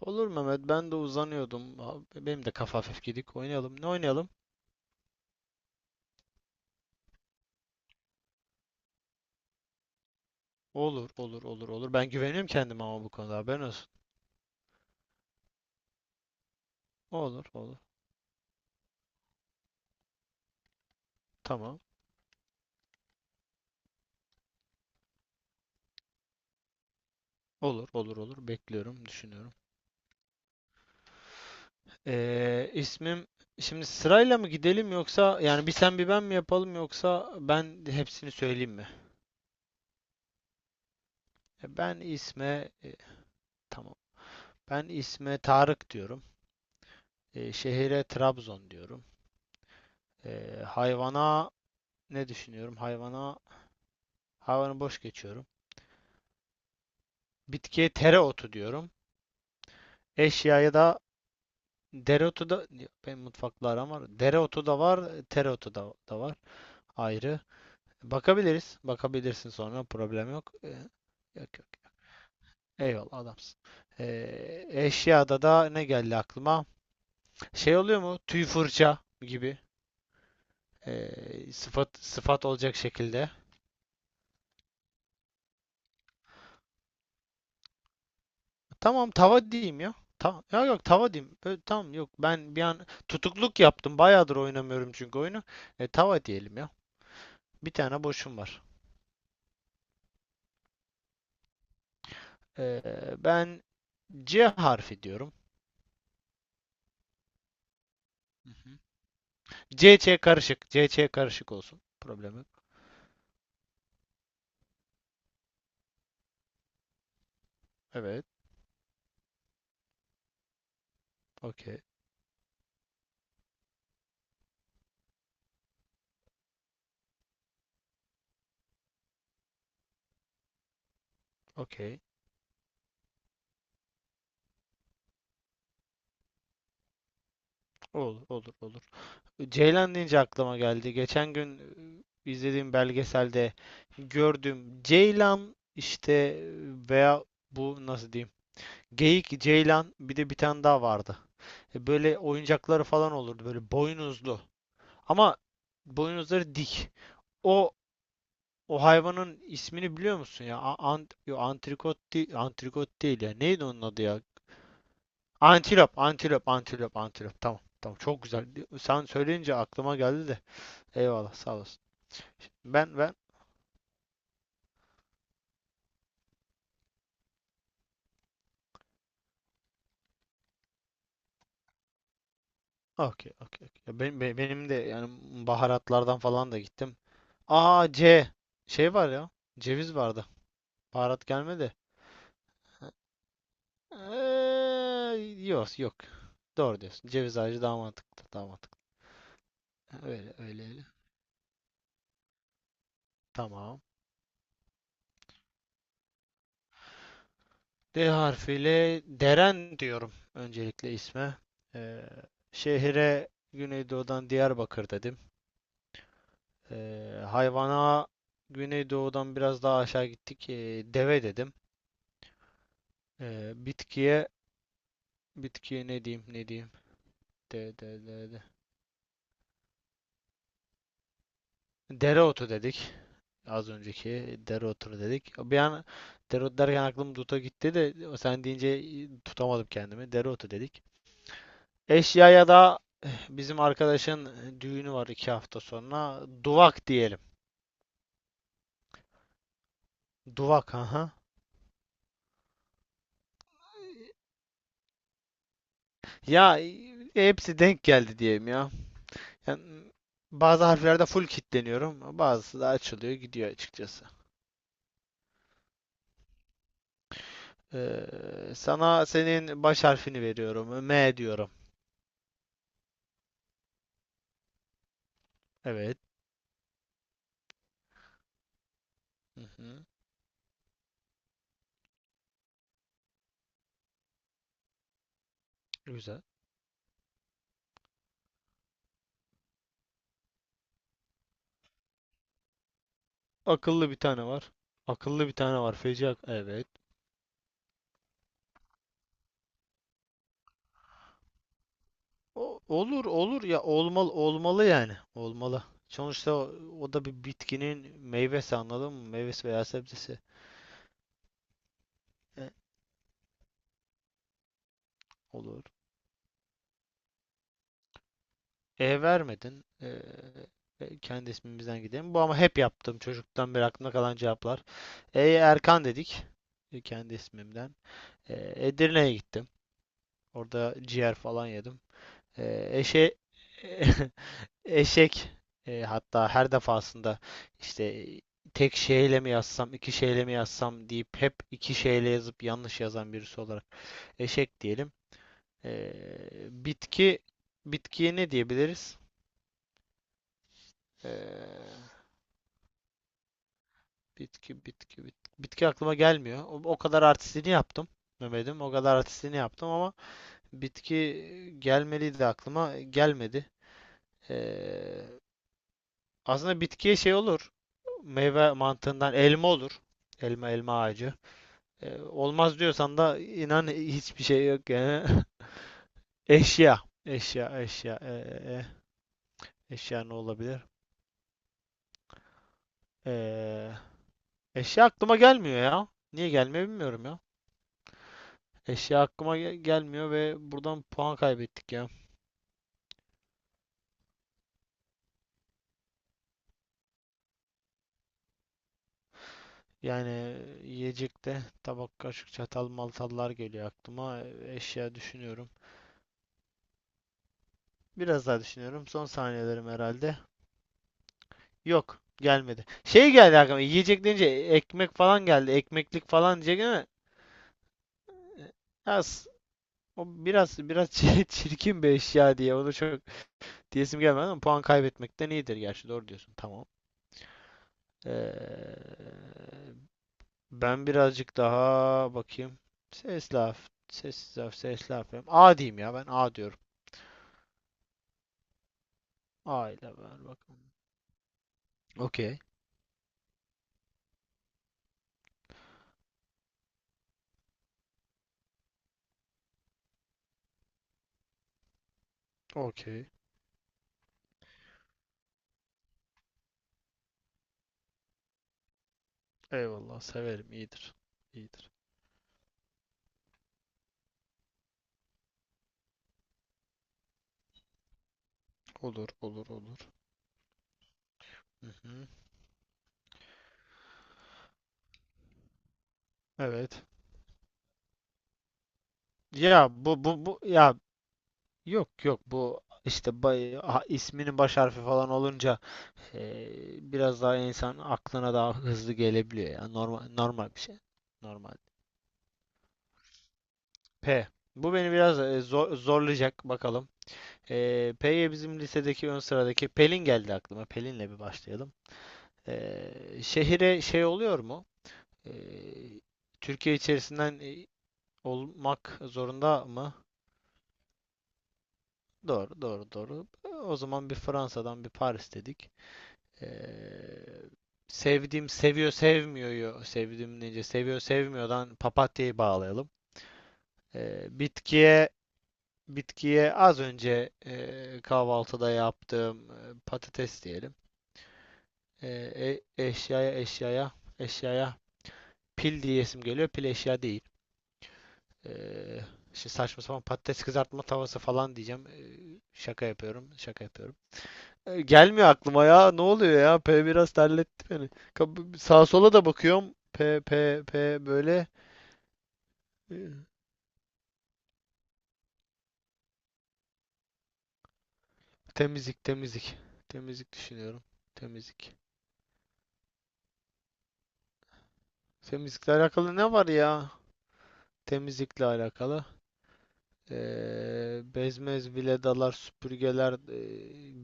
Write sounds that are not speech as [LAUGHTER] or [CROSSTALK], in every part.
Olur Mehmet. Ben de uzanıyordum. Abi, benim de kafa hafif gidik. Oynayalım. Ne oynayalım? Olur, olur, olur, olur. Ben güveniyorum kendime ama bu konuda haberin olsun. Olur, olur. Tamam. Olur, olur, olur. Bekliyorum, düşünüyorum. İsmim Şimdi sırayla mı gidelim, yoksa yani bir sen bir ben mi yapalım, yoksa ben hepsini söyleyeyim mi? E, Ben isme e, tamam. Ben isme Tarık diyorum. Şehire Trabzon diyorum. Hayvana ne düşünüyorum? Hayvanı boş geçiyorum. Bitkiye tereotu diyorum. Eşyaya da dereotu da benim mutfakla aram var. Dereotu da var, tereotu da var ayrı. Bakabiliriz. Bakabilirsin, sonra problem yok. Yok, yok. Eyvallah, adamsın. Eşyada da ne geldi aklıma? Şey oluyor mu? Tüy fırça gibi, sıfat, sıfat olacak şekilde. Tamam, tava diyeyim ya. Tamam. Yok, yok, tava diyeyim. Tamam, yok, ben bir an tutukluk yaptım. Bayağıdır oynamıyorum çünkü oyunu. Tava diyelim ya. Bir tane boşum var. Ee, ben C harfi diyorum. Hı hı. CC karışık. C C karışık olsun. Problemi. Evet. Okey. Okey. Olur. Olur. Olur. Ceylan deyince aklıma geldi. Geçen gün izlediğim belgeselde gördüm. Ceylan işte, veya bu nasıl diyeyim? Geyik, ceylan, bir de bir tane daha vardı. Böyle oyuncakları falan olurdu. Böyle boynuzlu. Ama boynuzları dik. O O hayvanın ismini biliyor musun ya? A- Ant Yo, antrikot değil, antrikot değil ya. Neydi onun adı ya? Antilop, antilop, antilop, antilop. Tamam, tamam. Çok güzel. Sen söyleyince aklıma geldi de. Eyvallah, sağ olasın. Ben ben Okey, okey. Okey. Ya, benim de yani baharatlardan falan da gittim. Aa, C, şey var ya. Ceviz vardı. Baharat gelmedi. Yok, yok. Doğru diyorsun. Ceviz ağacı daha mantıklı, daha mantıklı. Öyle, öyle, öyle. Tamam. D harfiyle Deren diyorum öncelikle isme. Ee, şehire Güneydoğu'dan Diyarbakır dedim. Hayvana Güneydoğu'dan biraz daha aşağı gittik. Deve dedim. Ee, bitkiye bitkiye ne diyeyim, ne diyeyim. De, de, de, de. Dereotu dedik. Az önceki dereotu dedik. Bir an dereotu derken aklım duta gitti de sen deyince tutamadım kendimi. Dereotu dedik. Eşyaya da bizim arkadaşın düğünü var iki hafta sonra. Duvak diyelim. Duvak, aha. Ya, hepsi denk geldi diyeyim ya. Yani, bazı harflerde full kilitleniyorum. Bazısı da açılıyor, gidiyor açıkçası. Ee, sana senin baş harfini veriyorum. M diyorum. Evet. Hı hı. Güzel. Akıllı bir tane var. Akıllı bir tane var. Feci. Evet. Olur olur ya, olmalı olmalı, yani olmalı. Sonuçta o da bir bitkinin meyvesi, anladın mı? Meyvesi veya sebzesi. E, olur. E vermedin. Kendi ismimizden gidelim. Bu ama hep yaptım çocuktan beri aklımda kalan cevaplar. Erkan dedik. Kendi ismimden. E, Edirne'ye gittim. Orada ciğer falan yedim. E, eşe [LAUGHS] Eşek, hatta her defasında işte, tek şeyle mi yazsam, iki şeyle mi yazsam deyip hep iki şeyle yazıp yanlış yazan birisi olarak, eşek diyelim. E, bitki bitkiye ne diyebiliriz? E, bitki aklıma gelmiyor. O kadar artistliğini yaptım. Mehmet'im, o kadar artistliğini yaptım ama bitki gelmeliydi, aklıma gelmedi. E, aslında bitkiye şey olur. Meyve mantığından elma olur. Elma, ağacı. Olmaz diyorsan da inan hiçbir şey yok yani. [LAUGHS] Eşya. Eşya, eşya. Eşya ne olabilir? Ee, eşya aklıma gelmiyor ya. Niye gelmiyor bilmiyorum ya. Eşya aklıma gelmiyor ve buradan puan kaybettik ya. Yani, yiyecekte tabak, kaşık, çatal, maltallar geliyor aklıma. Eşya düşünüyorum. Biraz daha düşünüyorum. Son saniyelerim herhalde. Yok, gelmedi. Şey geldi aklıma. Yiyecek deyince ekmek falan geldi. Ekmeklik falan diyecek ama az. O biraz biraz [LAUGHS] çirkin bir eşya diye onu çok diyesim gelmedi ama puan kaybetmekten iyidir, gerçi doğru diyorsun, tamam. Ee, ben birazcık daha bakayım. Ses laf, ses laf, ses laf yapayım. A diyeyim ya, ben A diyorum. A ile ver bakalım. Okey. Okey. Eyvallah, severim, iyidir. İyidir. Olur, olur, olur. Hı hı. Evet. Ya, bu ya, yok, yok bu işte, isminin baş harfi falan olunca, Ee, biraz daha insan aklına daha hızlı gelebiliyor ya. Normal, normal bir şey. Normal. P. Bu beni biraz zorlayacak bakalım. P'ye bizim lisedeki ön sıradaki Pelin geldi aklıma. Pelin'le bir başlayalım. Ee, şehire şey oluyor mu? Ee, Türkiye içerisinden olmak zorunda mı? Doğru, doğru, doğru. O zaman bir Fransa'dan bir Paris dedik. Eee, sevdiğim seviyor, sevmiyor, sevdiğim nece seviyor, sevmiyordan papatyayı bağlayalım. Eee, bitkiye bitkiye az önce kahvaltıda yaptığım patates diyelim. Eee, e- eşyaya eşyaya eşyaya pil diyesim geliyor. Pil eşya değil. Eee Şimdi saçma sapan patates kızartma tavası falan diyeceğim. Şaka yapıyorum. Şaka yapıyorum. Gelmiyor aklıma ya. Ne oluyor ya? P biraz terletti beni. Sağa sola da bakıyorum. P P P böyle. E, temizlik, temizlik. Temizlik düşünüyorum. Temizlik. Temizlikle alakalı ne var ya? Temizlikle alakalı. Bezmez viledalar, süpürgeler,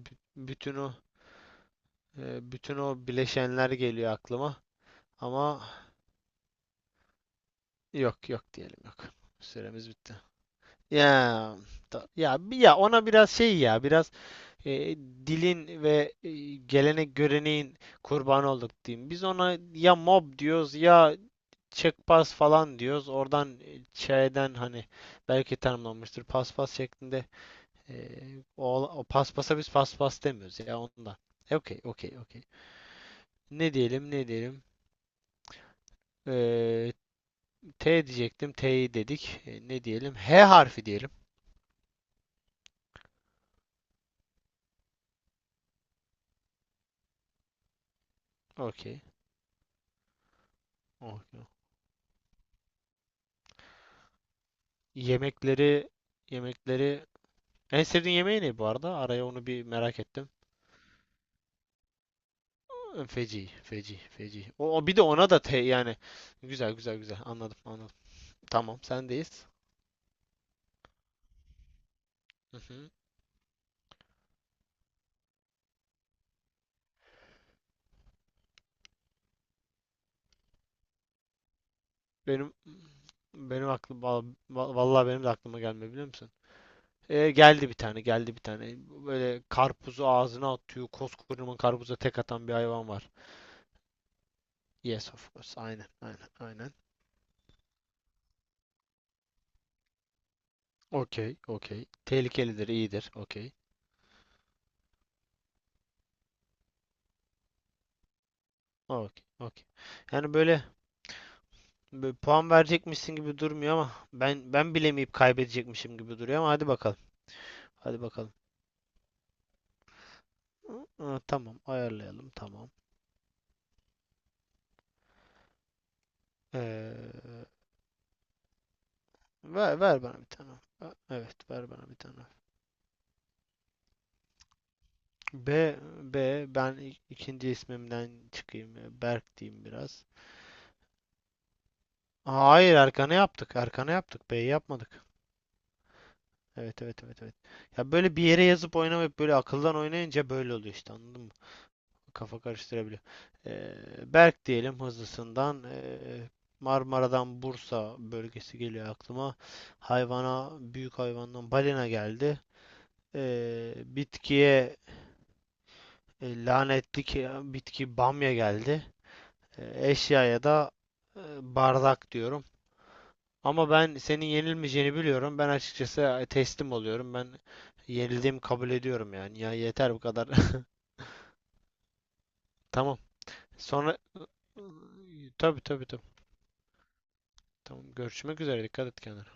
bü- bütün o bütün o bileşenler geliyor aklıma. Ama yok, yok diyelim, yok. Süremiz bitti. Ya Ya ona biraz şey, ya biraz, e, dilin ve gelenek göreneğin kurbanı olduk diyeyim. Biz ona ya mob diyoruz, ya çekpas falan diyoruz. Oradan, şeyden, hani belki tanımlanmıştır paspas şeklinde. E, o paspasa biz paspas demiyoruz ya, ondan. Okey, okey, okey. Ne diyelim, ne diyelim. E, T diyecektim, T'yi dedik. Ne diyelim? H harfi diyelim. Okey. Okey. Yemekleri yemekleri, en sevdiğin yemeği ne bu arada? Araya onu bir merak ettim. Feci, feci, feci. O bir de ona da te yani. Güzel, güzel, güzel. Anladım, anladım. Tamam, sendeyiz. Hı hı. Benim benim aklım vallahi, benim de aklıma gelmiyor, biliyor musun? Geldi bir tane, geldi bir tane. Böyle karpuzu ağzına atıyor. Koskocaman karpuza tek atan bir hayvan var. Yes, of course. Aynen, aynen, aynen. Okey, okey. Tehlikelidir, iyidir. Okey. Okey, okey. Yani böyle, böyle puan verecekmişsin gibi durmuyor ama ben bilemeyip kaybedecekmişim gibi duruyor ama hadi bakalım. Hadi bakalım. Hı, tamam, ayarlayalım, tamam. Ee, ver bana bir tane. Evet, ver bana bir tane. B. İkinci ismimden çıkayım. Ya, Berk diyeyim biraz. Aa, hayır, arkana yaptık. Arkana yaptık. B'yi yapmadık. Evet, evet, evet, evet. Ya böyle bir yere yazıp oynamayıp böyle akıldan oynayınca böyle oluyor işte, anladın mı? Kafa karıştırabiliyor. Ee, Berk diyelim hızlısından. Marmara'dan Bursa bölgesi geliyor aklıma. Hayvana, büyük hayvandan balina geldi. Bitkiye lanetli ki, bitki bamya geldi. Eşyaya da e, bardak diyorum. Ama ben senin yenilmeyeceğini biliyorum. Ben açıkçası teslim oluyorum. Ben yenildiğimi kabul ediyorum yani. Ya yeter, bu kadar. [LAUGHS] Tamam. Sonra, tabii, tabii, tabii. Tamam, görüşmek üzere. Dikkat et kendine.